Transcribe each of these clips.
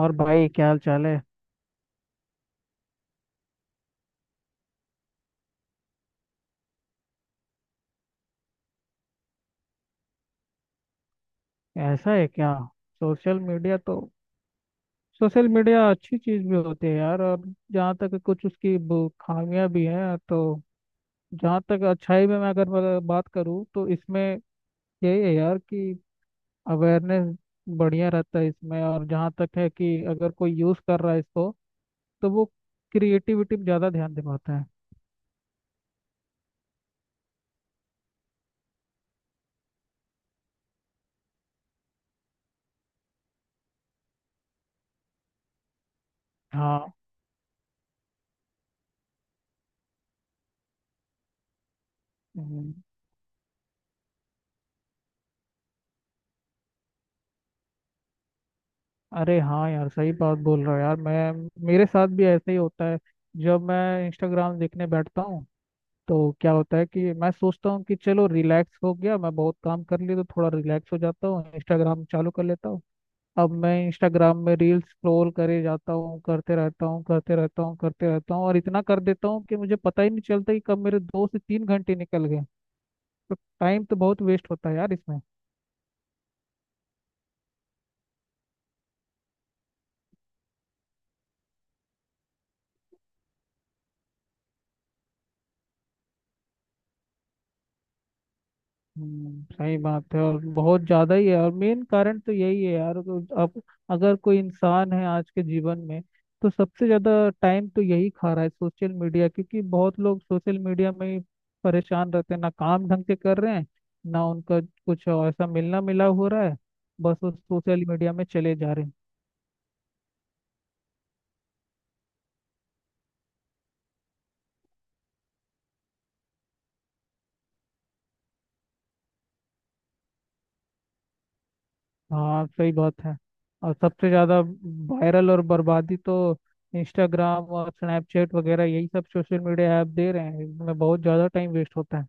और भाई क्या हाल चाल है। ऐसा है क्या। सोशल मीडिया तो सोशल मीडिया अच्छी चीज भी होती है यार। और जहाँ तक कुछ उसकी खामियां भी हैं तो जहाँ तक अच्छाई में मैं अगर बात करूँ तो इसमें यही है यार कि अवेयरनेस बढ़िया रहता है इसमें। और जहाँ तक है कि अगर कोई यूज कर रहा है इसको तो वो क्रिएटिविटी पे ज्यादा ध्यान दे पाता है। हाँ। अरे हाँ यार सही बात बोल रहा हो यार मैं, मेरे साथ भी ऐसा ही होता है। जब मैं इंस्टाग्राम देखने बैठता हूँ तो क्या होता है कि मैं सोचता हूँ कि चलो रिलैक्स हो गया, मैं बहुत काम कर लिया तो थोड़ा रिलैक्स हो जाता हूँ, इंस्टाग्राम चालू कर लेता हूँ। अब मैं इंस्टाग्राम में रील्स स्क्रॉल करे जाता हूँ, करते रहता हूँ करते रहता हूँ करते रहता हूँ और इतना कर देता हूँ कि मुझे पता ही नहीं चलता कि कब मेरे 2 से 3 घंटे निकल गए। तो टाइम तो बहुत वेस्ट होता है यार इसमें। सही बात है। और बहुत ज्यादा ही है और मेन कारण तो यही है यार। तो अब अगर कोई इंसान है आज के जीवन में तो सबसे ज्यादा टाइम तो यही खा रहा है सोशल मीडिया, क्योंकि बहुत लोग सोशल मीडिया में ही परेशान रहते हैं, ना काम ढंग से कर रहे हैं, ना उनका कुछ ऐसा मिलना मिला हो रहा है, बस वो सोशल मीडिया में चले जा रहे हैं। हाँ सही बात है। और सबसे ज़्यादा वायरल और बर्बादी तो इंस्टाग्राम और स्नैपचैट वगैरह यही सब सोशल मीडिया ऐप दे रहे हैं। इनमें बहुत ज़्यादा टाइम वेस्ट होता है।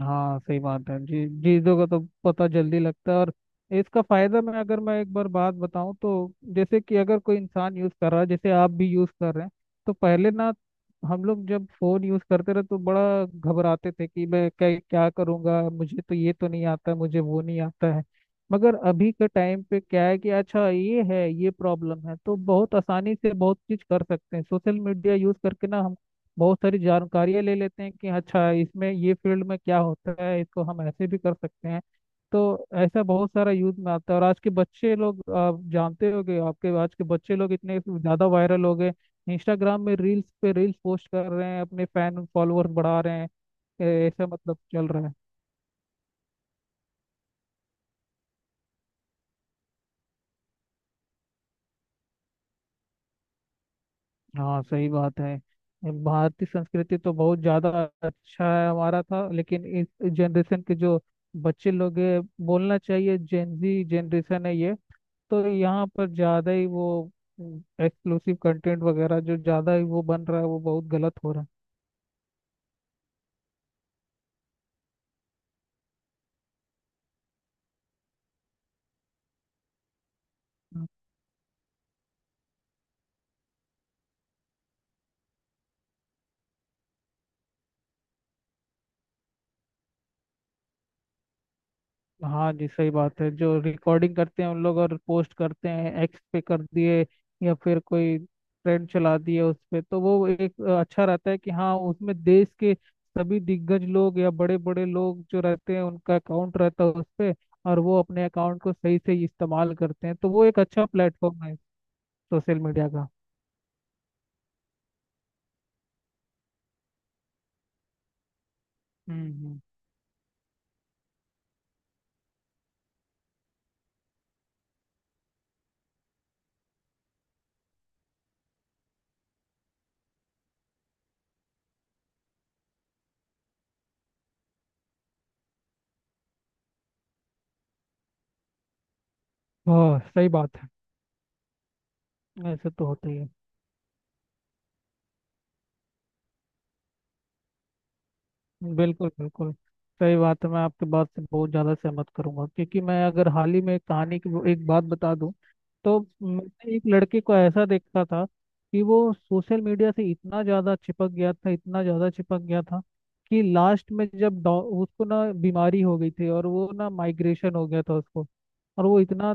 हाँ सही बात है जी। चीज़ों का तो पता जल्दी लगता है, और इसका फायदा मैं अगर मैं एक बार बात बताऊं तो जैसे कि अगर कोई इंसान यूज कर रहा है, जैसे आप भी यूज कर रहे हैं, तो पहले ना हम लोग जब फोन यूज करते रहे तो बड़ा घबराते थे कि मैं क्या क्या करूंगा, मुझे तो ये तो नहीं आता, मुझे वो नहीं आता है। मगर अभी के टाइम पे क्या है कि अच्छा ये है, ये प्रॉब्लम है तो बहुत आसानी से बहुत चीज कर सकते हैं सोशल मीडिया यूज करके ना। बहुत सारी जानकारियाँ ले लेते हैं कि अच्छा इसमें ये फील्ड में क्या होता है, इसको हम ऐसे भी कर सकते हैं। तो ऐसा बहुत सारा यूज में आता है। और आज के बच्चे लोग आप जानते होंगे, आपके आज के बच्चे लोग इतने ज़्यादा वायरल हो गए, इंस्टाग्राम में रील्स पे रील्स पोस्ट कर रहे हैं, अपने फैन फॉलोअर्स बढ़ा रहे हैं, ऐसा मतलब चल रहा है। हाँ सही बात है। भारतीय संस्कृति तो बहुत ज़्यादा अच्छा है, हमारा था, लेकिन इस जनरेशन के जो बच्चे लोग हैं, बोलना चाहिए जेनजी जनरेशन है ये, तो यहाँ पर ज़्यादा ही वो एक्सक्लूसिव कंटेंट वगैरह जो ज़्यादा ही वो बन रहा है, वो बहुत गलत हो रहा है। हाँ जी सही बात है। जो रिकॉर्डिंग करते हैं उन लोग और पोस्ट करते हैं एक्स पे कर दिए या फिर कोई ट्रेंड चला दिए उस पे, तो वो एक अच्छा रहता है कि हाँ, उसमें देश के सभी दिग्गज लोग या बड़े बड़े लोग जो रहते हैं उनका अकाउंट रहता है उस पे। और वो अपने अकाउंट को सही से इस्तेमाल करते हैं तो वो एक अच्छा प्लेटफॉर्म है सोशल मीडिया का। हम्म हम्म। हाँ सही बात है। ऐसे तो होता ही है। बिल्कुल बिल्कुल सही बात है। मैं आपके बात से बहुत ज़्यादा सहमत करूंगा, क्योंकि मैं अगर हाल ही में कहानी की वो एक बात बता दूं तो मैंने एक लड़के को ऐसा देखा था कि वो सोशल मीडिया से इतना ज़्यादा चिपक गया था, इतना ज़्यादा चिपक गया था कि लास्ट में जब उसको ना बीमारी हो गई थी, और वो ना माइग्रेशन हो गया था उसको। और वो इतना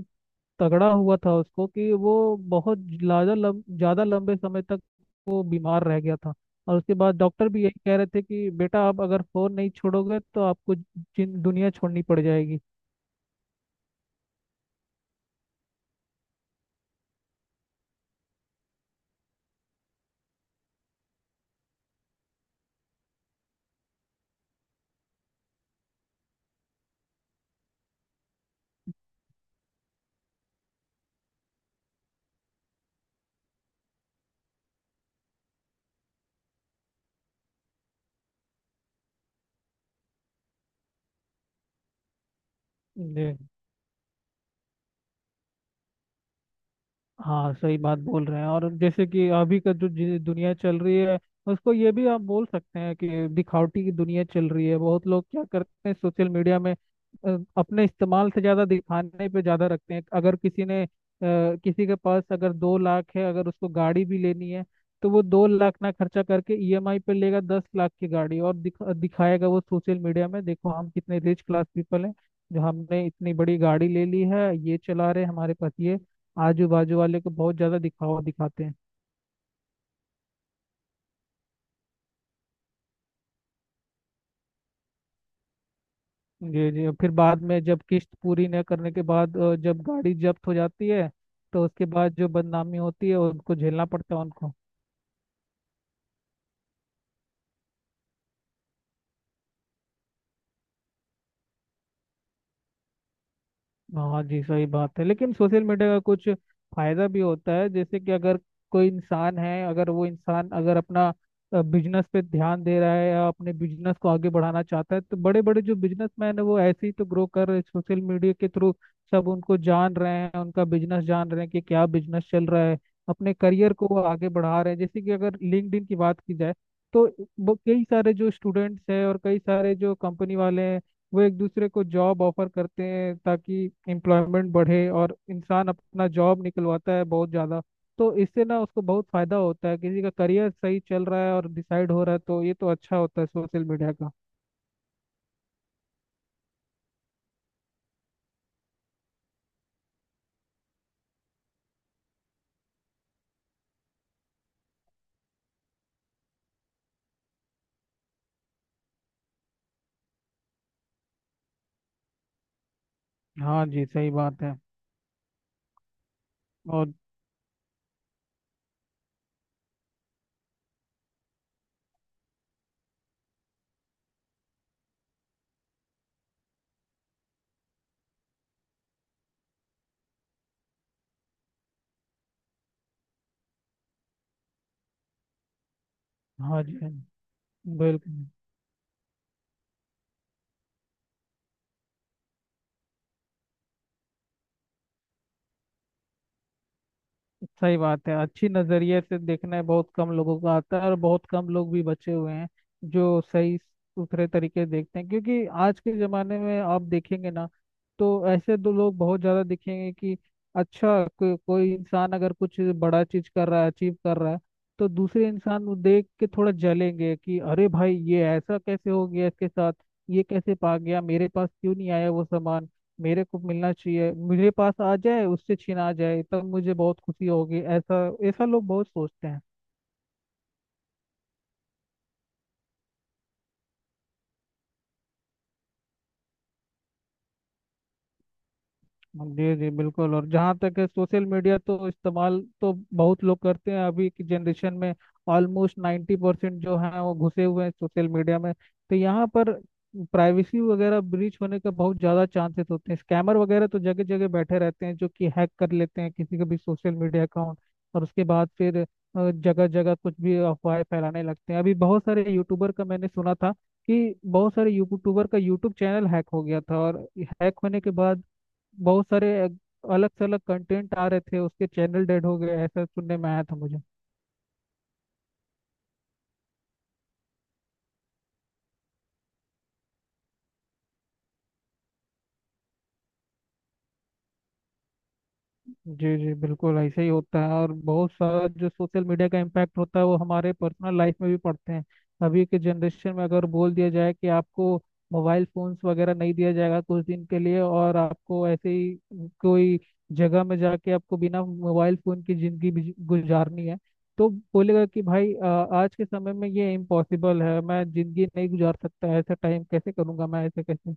तगड़ा हुआ था उसको कि वो बहुत ज्यादा ज्यादा लंबे समय तक वो बीमार रह गया था। और उसके बाद डॉक्टर भी यही कह रहे थे कि बेटा आप अगर फोन नहीं छोड़ोगे तो आपको जिन दुनिया छोड़नी पड़ जाएगी। जी। हाँ सही बात बोल रहे हैं। और जैसे कि अभी का जो दुनिया चल रही है, उसको ये भी आप बोल सकते हैं कि दिखावटी की दुनिया चल रही है। बहुत लोग क्या करते हैं सोशल मीडिया में, अपने इस्तेमाल से ज़्यादा दिखाने पे ज़्यादा रखते हैं। अगर किसी ने किसी के पास अगर 2 लाख है, अगर उसको गाड़ी भी लेनी है तो वो 2 लाख ना खर्चा करके ईएमआई पे लेगा 10 लाख की गाड़ी, और दिखाएगा वो सोशल मीडिया में, देखो हम कितने रिच क्लास पीपल हैं जो हमने इतनी बड़ी गाड़ी ले ली है, ये चला रहे हैं, हमारे पास ये, आजू बाजू वाले को बहुत ज्यादा दिखावा दिखाते हैं। जी जी फिर बाद में जब किस्त पूरी न करने के बाद जब गाड़ी जब्त हो जाती है तो उसके बाद जो बदनामी होती है उनको झेलना पड़ता है उनको। हाँ जी सही बात है, लेकिन सोशल मीडिया का कुछ फायदा भी होता है, जैसे कि अगर कोई इंसान है, अगर वो इंसान अगर अपना बिजनेस पे ध्यान दे रहा है या अपने बिजनेस को आगे बढ़ाना चाहता है तो बड़े बड़े जो बिजनेसमैन है वो ऐसे ही तो ग्रो कर रहे सोशल मीडिया के थ्रू। सब उनको जान रहे हैं, उनका बिजनेस जान रहे हैं कि क्या बिजनेस चल रहा है। अपने करियर को वो आगे बढ़ा रहे हैं, जैसे कि अगर लिंक्डइन की बात की जाए तो वो कई सारे जो स्टूडेंट्स हैं और कई सारे जो कंपनी वाले हैं वो एक दूसरे को जॉब ऑफर करते हैं, ताकि एम्प्लॉयमेंट बढ़े और इंसान अपना जॉब निकलवाता है बहुत ज़्यादा। तो इससे ना उसको बहुत फायदा होता है, किसी का करियर सही चल रहा है और डिसाइड हो रहा है, तो ये तो अच्छा होता है सोशल मीडिया का। हाँ जी सही बात है। और हाँ जी हाँ जी, बिल्कुल सही बात है। अच्छी नजरिए से देखना है बहुत कम लोगों को आता है, और बहुत कम लोग भी बचे हुए हैं जो सही सुथरे तरीके से देखते हैं, क्योंकि आज के जमाने में आप देखेंगे ना तो ऐसे दो लोग बहुत ज्यादा दिखेंगे कि अच्छा कोई इंसान अगर कुछ बड़ा चीज कर रहा है, अचीव कर रहा है तो दूसरे इंसान को देख के थोड़ा जलेंगे कि अरे भाई ये ऐसा कैसे हो गया इसके साथ, ये कैसे पा गया, मेरे पास क्यों नहीं आया वो सामान, मेरे को मिलना चाहिए, मेरे पास आ जाए, उससे छीना जाए तब मुझे बहुत खुशी होगी, ऐसा ऐसा लोग बहुत सोचते हैं। जी जी बिल्कुल। और जहाँ तक है सोशल मीडिया तो इस्तेमाल तो बहुत लोग करते हैं अभी की जनरेशन में। ऑलमोस्ट 90% जो हैं वो घुसे हुए हैं सोशल मीडिया में। तो यहाँ पर प्राइवेसी वगैरह ब्रीच होने का बहुत ज़्यादा चांसेस होते हैं, स्कैमर वगैरह तो जगह जगह बैठे रहते हैं जो कि हैक कर लेते हैं किसी का भी सोशल मीडिया अकाउंट। और उसके बाद फिर जगह जगह कुछ भी अफवाहें फैलाने लगते हैं। अभी बहुत सारे यूट्यूबर का मैंने सुना था कि बहुत सारे यूट्यूबर का यूट्यूब चैनल हैक हो गया था, और हैक होने के बाद बहुत सारे अलग से अलग कंटेंट आ रहे थे, उसके चैनल डेड हो गए, ऐसा सुनने में आया था मुझे। जी जी बिल्कुल ऐसे ही होता है। और बहुत सारा जो सोशल मीडिया का इम्पैक्ट होता है वो हमारे पर्सनल लाइफ में भी पड़ते हैं। अभी के जनरेशन में अगर बोल दिया जाए कि आपको मोबाइल फोन्स वगैरह नहीं दिया जाएगा कुछ दिन के लिए, और आपको ऐसे ही कोई जगह में जाके आपको बिना मोबाइल फोन की जिंदगी गुजारनी है तो बोलेगा कि भाई आज के समय में ये इम्पॉसिबल है, मैं जिंदगी नहीं गुजार सकता, ऐसा टाइम कैसे करूंगा मैं, ऐसे कैसे।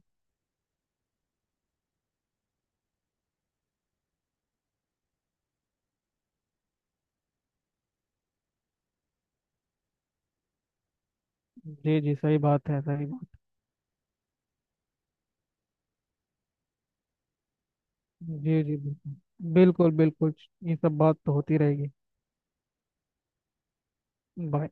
जी जी सही बात है। सही बात। जी जी बिल्कुल बिल्कुल बिल्कुल। ये सब बात तो होती रहेगी। बाय।